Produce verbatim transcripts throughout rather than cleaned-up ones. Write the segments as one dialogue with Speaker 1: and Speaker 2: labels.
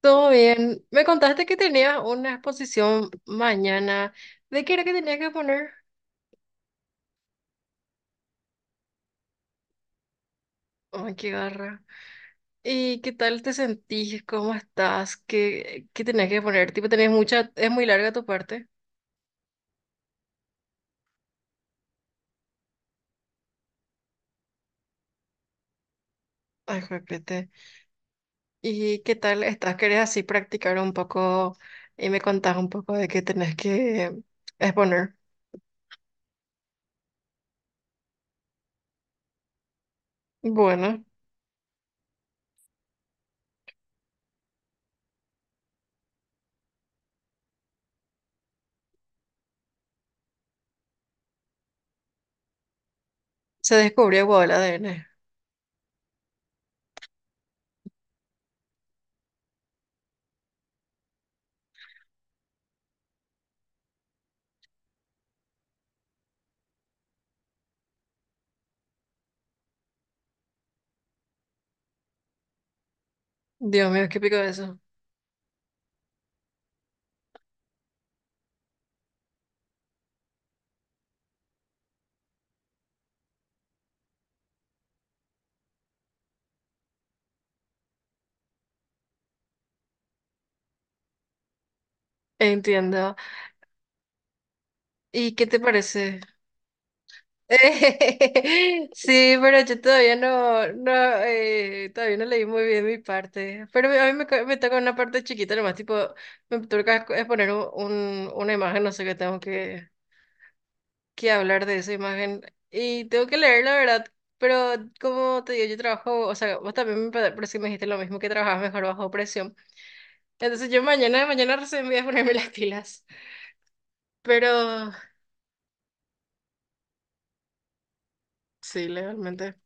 Speaker 1: Todo bien. Me contaste que tenías una exposición mañana. ¿De qué era que tenías que poner? Ay, qué garra. ¿Y qué tal te sentís? ¿Cómo estás? ¿Qué, qué tenías que poner? Tipo, tenés mucha, es muy larga tu parte. Ay, repete. ¿Y qué tal estás? ¿Querés así practicar un poco y me contás un poco de qué tenés que exponer? Bueno, se descubrió igual el A D N. Dios mío, qué pico eso. Entiendo. ¿Y qué te parece? Sí, pero yo todavía no, no, eh, todavía no leí muy bien mi parte. Pero a mí me, co- me toca una parte chiquita nomás, tipo, me toca es poner un, un- una imagen, no sé qué tengo que, que hablar de esa imagen. Y tengo que leer, la verdad. Pero como te digo, yo trabajo, o sea, vos también me, pa- pero sí me dijiste lo mismo, que trabajabas mejor bajo presión. Entonces yo mañana, mañana recién voy a ponerme las pilas. Pero sí, legalmente.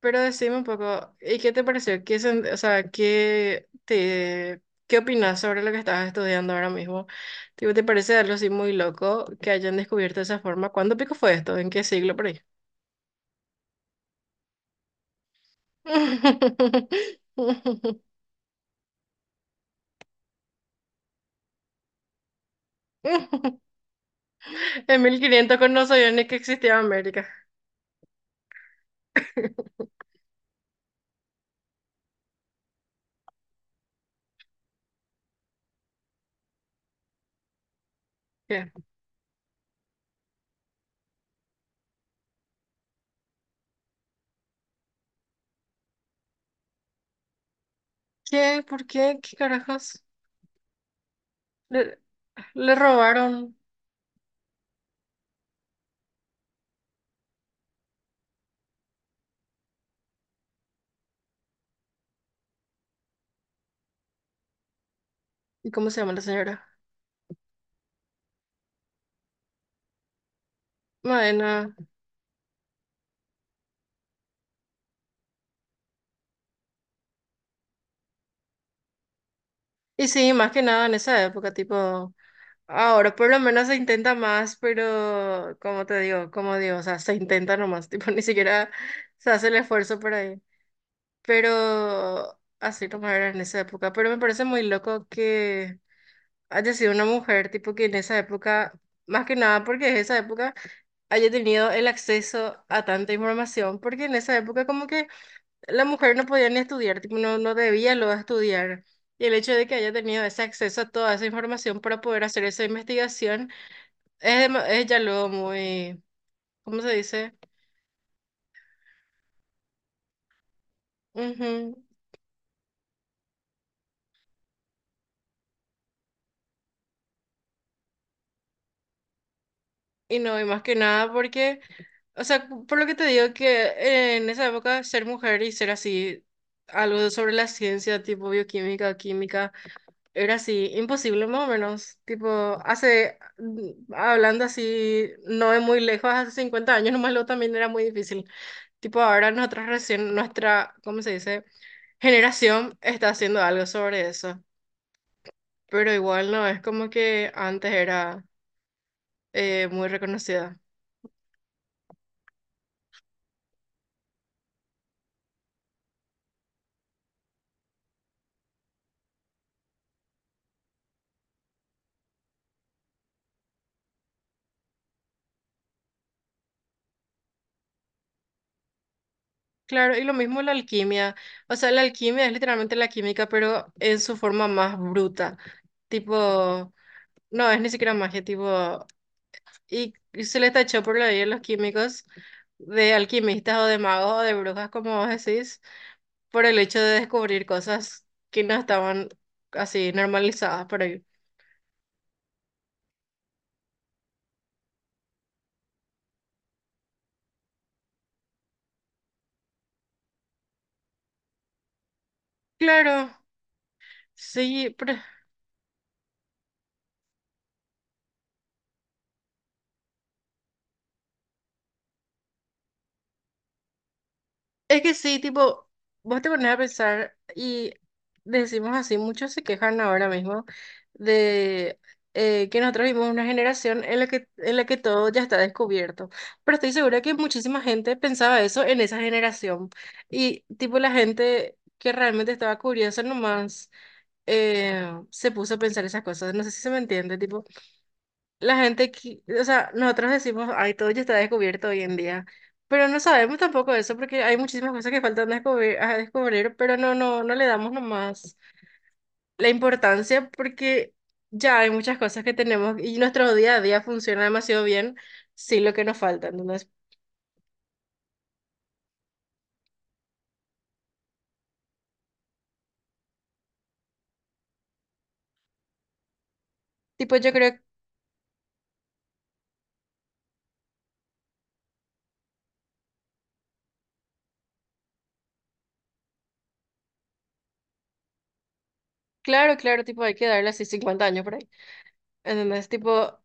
Speaker 1: Pero decime un poco, ¿y qué te pareció? ¿Qué, sen- o sea, qué te, qué opinas sobre lo que estás estudiando ahora mismo? Tipo, ¿te parece algo así muy loco que hayan descubierto esa forma? ¿Cuándo pico fue esto? ¿En qué siglo por ahí? En mil quinientos con no sabía ni que existía América. ¿Qué? ¿Qué? ¿Por qué? ¿Qué carajos? Le, le robaron. ¿Y cómo se llama la señora? Bueno, y sí, más que nada en esa época, tipo. Ahora por lo menos se intenta más, pero como te digo, como digo, o sea, se intenta nomás, tipo, ni siquiera se hace el esfuerzo por ahí. Pero así como era en esa época. Pero me parece muy loco que haya sido una mujer, tipo, que en esa época, más que nada porque en esa época haya tenido el acceso a tanta información, porque en esa época como que la mujer no podía ni estudiar, tipo, no, no debía luego estudiar. Y el hecho de que haya tenido ese acceso a toda esa información para poder hacer esa investigación es, dema- es ya luego muy, ¿cómo se dice? Ujú. Y no, y más que nada porque, o sea, por lo que te digo que en esa época ser mujer y ser así, algo sobre la ciencia, tipo bioquímica, o química, era así, imposible más o menos. Tipo, hace, mm, hablando así, no es muy lejos, hace cincuenta años nomás lo también era muy difícil. Tipo, ahora nosotros recién, nuestra, ¿cómo se dice? Generación está haciendo algo sobre eso. Pero igual no, es como que antes era eh, muy reconocida. Claro, y lo mismo la alquimia. O sea, la alquimia es literalmente la química, pero en su forma más bruta. Tipo, no, es ni siquiera magia, tipo, y y se le tachó por la vida a los químicos de alquimistas o de magos o de brujas, como vos decís, por el hecho de descubrir cosas que no estaban así normalizadas por ahí. Claro, sí, pero es que sí, tipo, vos te pones a pensar y decimos así, muchos se quejan ahora mismo de eh, que nosotros vivimos una generación en la que, en la que todo ya está descubierto. Pero estoy segura que muchísima gente pensaba eso en esa generación. Y tipo la gente que realmente estaba curiosa nomás eh, se puso a pensar esas cosas. No sé si se me entiende, tipo. La gente, qui- o sea, nosotros decimos, ay, todo ya está descubierto hoy en día, pero no sabemos tampoco eso porque hay muchísimas cosas que faltan descubrir, a descubrir, pero no, no, no le damos nomás la importancia porque ya hay muchas cosas que tenemos y nuestro día a día funciona demasiado bien sin lo que nos falta, ¿entendés? Tipo, yo creo, claro, claro, tipo, hay que darle así cincuenta años por ahí, ¿entendés? Tipo,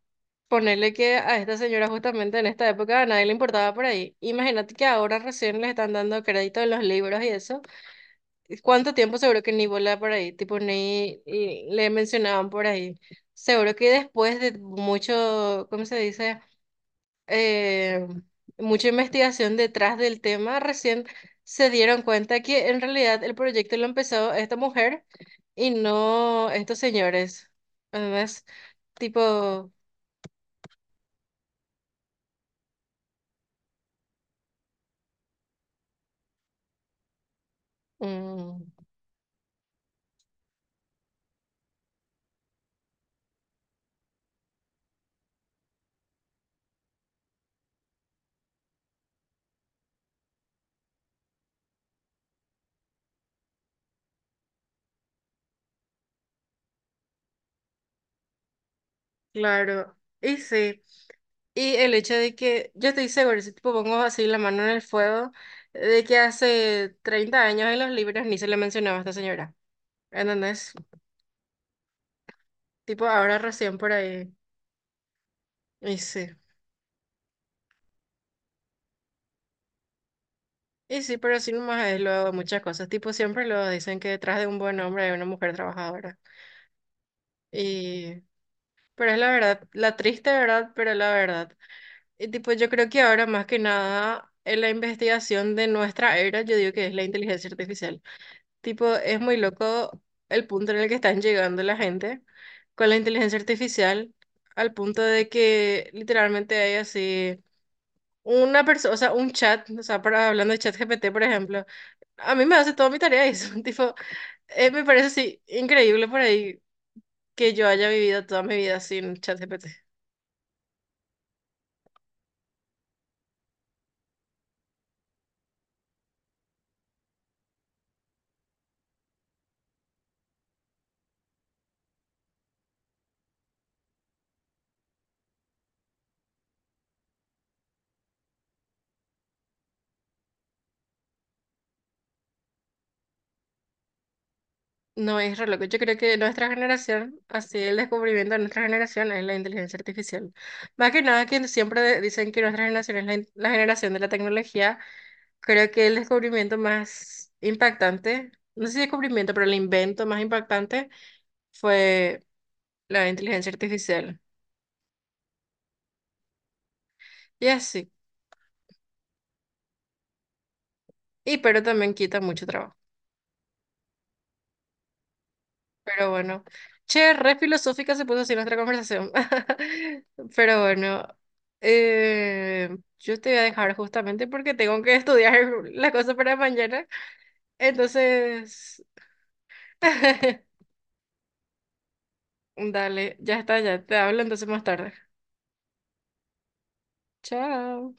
Speaker 1: ponerle que a esta señora justamente en esta época a nadie le importaba por ahí. Imagínate que ahora recién le están dando crédito en los libros y eso. ¿Cuánto tiempo seguro que ni volaba por ahí? Tipo, ni y le mencionaban por ahí. Seguro que después de mucho, ¿cómo se dice? Eh, Mucha investigación detrás del tema, recién se dieron cuenta que en realidad el proyecto lo empezó esta mujer y no estos señores. Además, tipo, mm, claro. Y sí. Y el hecho de que, yo estoy segura, si tipo pongo así la mano en el fuego, de que hace treinta años en los libros ni se le mencionaba a esta señora. ¿Entendés? Tipo ahora recién por ahí. Y sí. Y sí, pero así nomás es luego de muchas cosas. Tipo siempre lo dicen que detrás de un buen hombre hay una mujer trabajadora. Y... pero es la verdad, la triste verdad, pero la verdad. Y tipo yo creo que ahora más que nada en la investigación de nuestra era, yo digo que es la inteligencia artificial. Tipo, es muy loco el punto en el que están llegando la gente con la inteligencia artificial, al punto de que literalmente hay así una persona, o sea, un chat, o sea, para, hablando de chat G P T, por ejemplo, a mí me hace toda mi tarea eso, tipo, eh, me parece así increíble por ahí que yo haya vivido toda mi vida sin chat G P T. No, es re loco, yo creo que nuestra generación, así el descubrimiento de nuestra generación es la inteligencia artificial. Más que nada que siempre de- dicen que nuestra generación es la, in- la generación de la tecnología. Creo que el descubrimiento más impactante, no sé si descubrimiento, pero el invento más impactante fue la inteligencia artificial. Y así. Y pero también quita mucho trabajo. Pero bueno. Che, re filosófica se puso así nuestra conversación. Pero bueno. Eh, yo te voy a dejar justamente porque tengo que estudiar la cosa para mañana. Entonces, dale, ya está, ya te hablo entonces más tarde. Chao.